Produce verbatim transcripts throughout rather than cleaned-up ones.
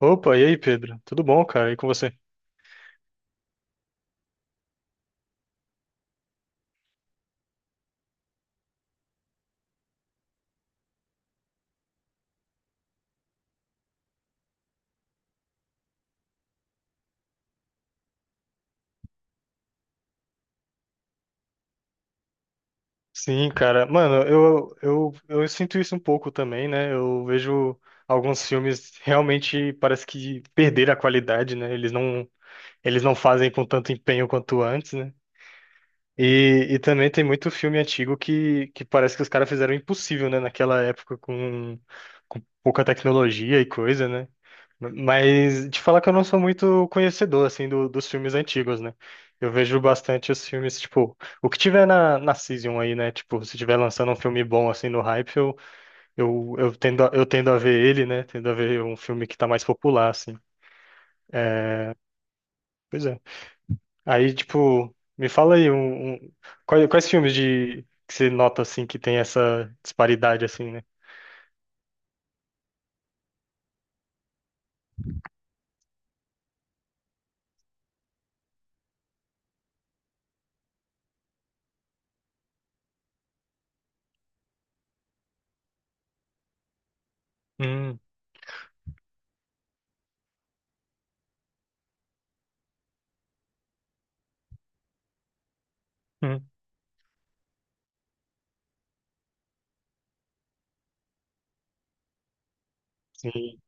Opa, e aí, Pedro? Tudo bom, cara? E com você? Sim, cara. Mano, eu, eu, eu sinto isso um pouco também, né? Eu vejo alguns filmes realmente parece que perderam a qualidade, né? Eles não, eles não fazem com tanto empenho quanto antes, né? E, e também tem muito filme antigo que, que parece que os caras fizeram o impossível, né? Naquela época com, com pouca tecnologia e coisa, né? Mas te falar que eu não sou muito conhecedor, assim, do- dos filmes antigos, né? Eu vejo bastante os filmes, tipo, o que tiver na, na Season aí, né? Tipo, se tiver lançando um filme bom, assim, no hype, eu, eu, eu tendo, a- eu tendo a ver ele, né? Tendo a ver um filme que tá mais popular, assim. Pois é. Aí, tipo, me fala aí um, um- quais, quais filmes de que você nota assim que tem essa disparidade assim, né? Hum, hum. Sim.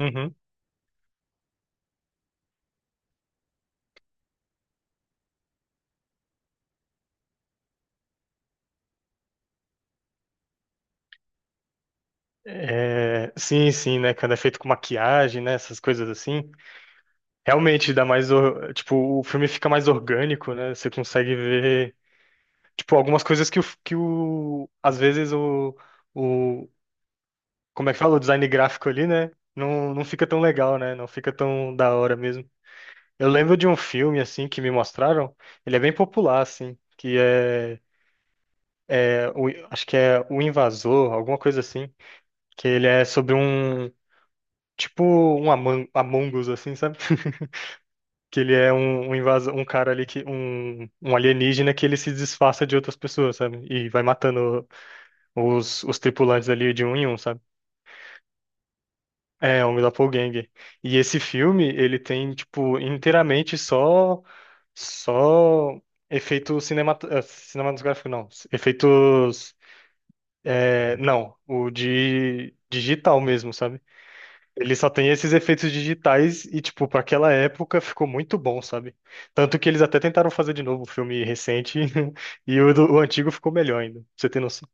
Uhum. É, sim, sim, né? Quando é feito com maquiagem, né? Essas coisas assim. Realmente dá mais, or- tipo, o filme fica mais orgânico, né? Você consegue ver, tipo, algumas coisas que o, que o, às vezes o, o, como é que fala? O design gráfico ali, né? Não, não fica tão legal, né? Não fica tão da hora mesmo. Eu lembro de um filme assim que me mostraram, ele é bem popular assim, que é, é o- acho que é O Invasor, alguma coisa assim, que ele é sobre um tipo um Among, Among Us assim, sabe? Que ele é um, um invasor, um cara ali que um, um alienígena, que ele se disfarça de outras pessoas, sabe? E vai matando os, os tripulantes ali de um em um, sabe? É, um doppelganger. E esse filme, ele tem tipo inteiramente só. Só efeito cinemat... eh, cinematográfico, não. Efeitos. Eh, não, o de digital mesmo, sabe? Ele só tem esses efeitos digitais e, tipo, para aquela época ficou muito bom, sabe? Tanto que eles até tentaram fazer de novo o filme recente e o, do- o antigo ficou melhor ainda. Pra Você tem noção?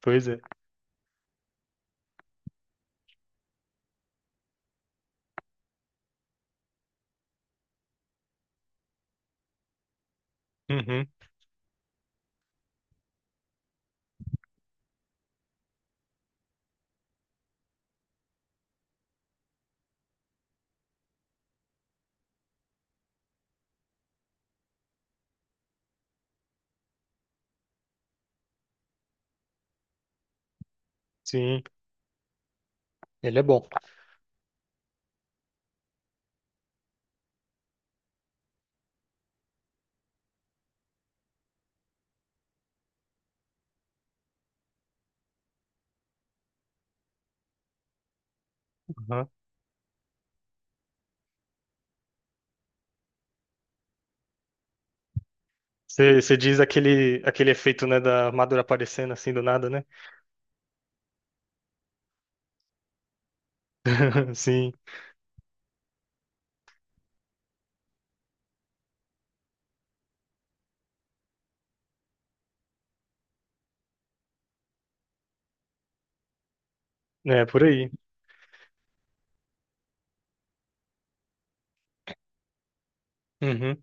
Pois é. Uhum, sim, ele é bom. Uhum. Você você diz aquele, aquele efeito, né, da armadura aparecendo assim do nada, né? Sim, é por aí. Uhum.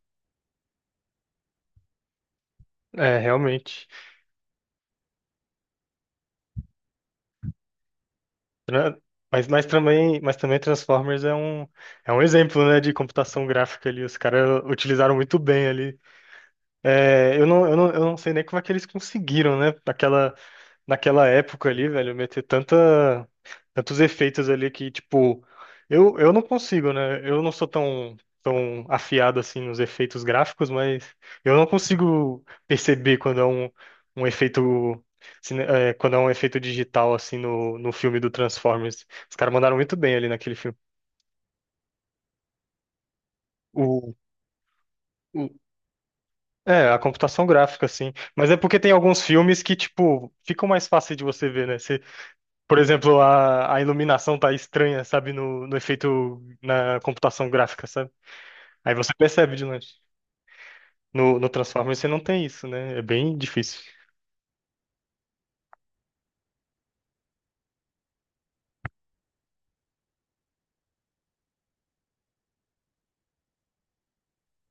É, realmente. Tra- Mas, mas também, mas também Transformers é um, é um exemplo, né, de computação gráfica ali. Os caras utilizaram muito bem ali. É, eu não, eu não, eu não sei nem como é que eles conseguiram, né? Aquela, naquela época ali, velho, meter tanta, tantos efeitos ali que, tipo, eu, eu não consigo, né? Eu não sou tão, tão afiado assim nos efeitos gráficos, mas eu não consigo perceber quando é um, um efeito. cine- é, Quando é um efeito digital, assim, no, no filme do Transformers. Os caras mandaram muito bem ali naquele filme. O, o- é, a computação gráfica, assim. Mas é porque tem alguns filmes que, tipo, ficam mais fácil de você ver, né? Por exemplo, a, a iluminação tá estranha, sabe? No, no efeito na computação gráfica, sabe? Aí você percebe de longe. No, no Transformers você não tem isso, né? É bem difícil.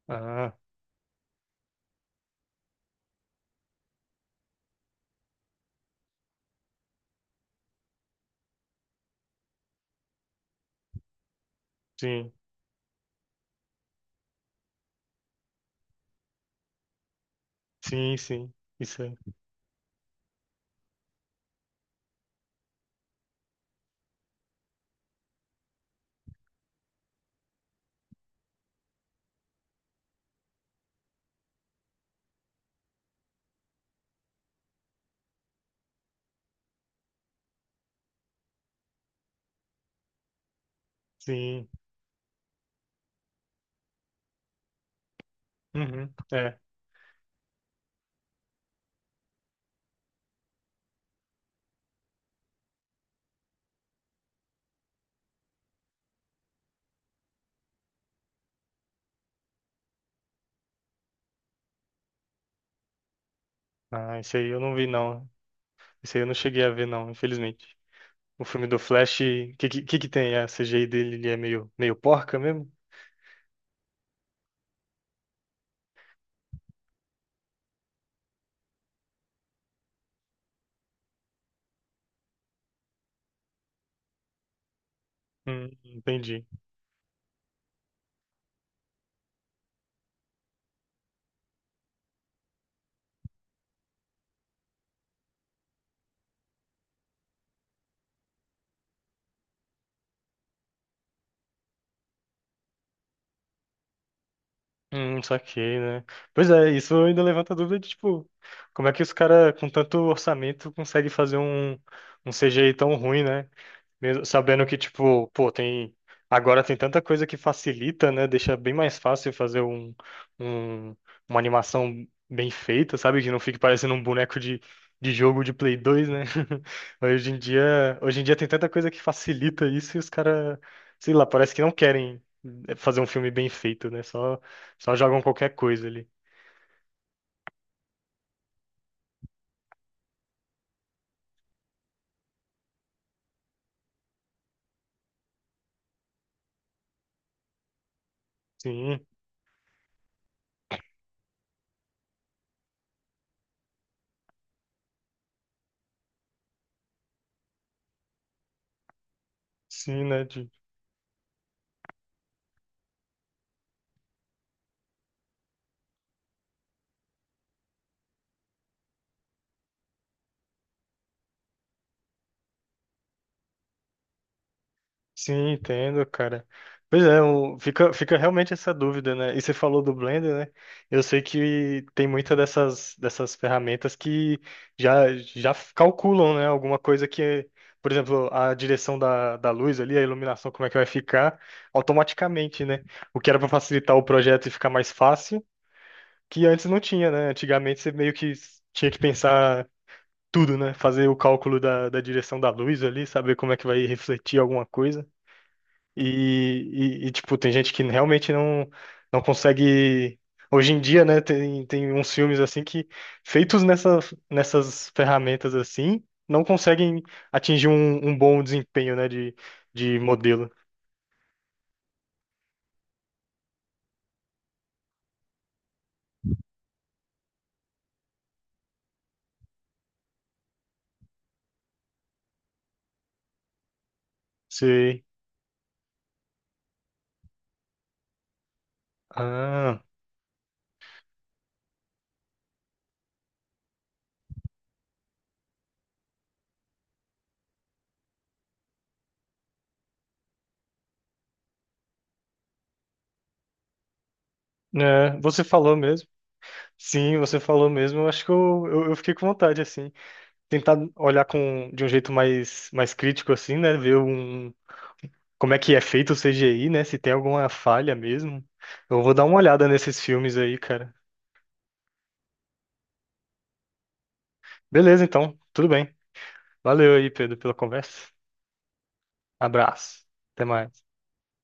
Ah, sim, sim, sim. Isso aí. Sim. Uhum, é. Ah, isso aí eu não vi, não. Isso aí eu não cheguei a ver, não, infelizmente. O filme do Flash, o que, que, que que tem? A C G I dele ele é meio, meio porca mesmo? Hum, entendi. Hum, saquei, né? Pois é, isso ainda levanta a dúvida de, tipo, como é que os caras com tanto orçamento conseguem fazer um, um C G I tão ruim, né? Mesmo sabendo que, tipo, pô, tem. Agora tem tanta coisa que facilita, né? Deixa bem mais fácil fazer um, um- uma animação bem feita, sabe? Que não fique parecendo um boneco de, de jogo de Play dois, né? Hoje em dia, hoje em dia tem tanta coisa que facilita isso e os caras, sei lá, parece que não querem eh, fazer um filme bem feito, né? Só, só jogam qualquer coisa ali. Sim, sim, né? Sim, entendo, cara. Pois é, um- fica, fica realmente essa dúvida, né? E você falou do Blender, né? Eu sei que tem muita dessas, dessas ferramentas que já, já calculam, né? Alguma coisa que, por exemplo, a direção da, da luz ali, a iluminação, como é que vai ficar automaticamente, né? O que era para facilitar o projeto e ficar mais fácil, que antes não tinha, né? Antigamente você meio que tinha que pensar tudo, né? Fazer o cálculo da, da direção da luz ali, saber como é que vai refletir alguma coisa. E, e- e, tipo, tem gente que realmente não, não consegue. Hoje em dia, né, tem, tem uns filmes assim que, feitos nessa, nessas ferramentas assim, não conseguem atingir um, um bom desempenho, né, de, de modelo. Sei. Ah, né, você falou mesmo. Sim, você falou mesmo. Eu acho que eu, eu, eu fiquei com vontade, assim. Tentar olhar com, de um jeito mais, mais crítico, assim, né, ver um como é que é feito o C G I, né? Se tem alguma falha mesmo. Eu vou dar uma olhada nesses filmes aí, cara. Beleza, então. Tudo bem. Valeu aí, Pedro, pela conversa. Abraço. Até mais.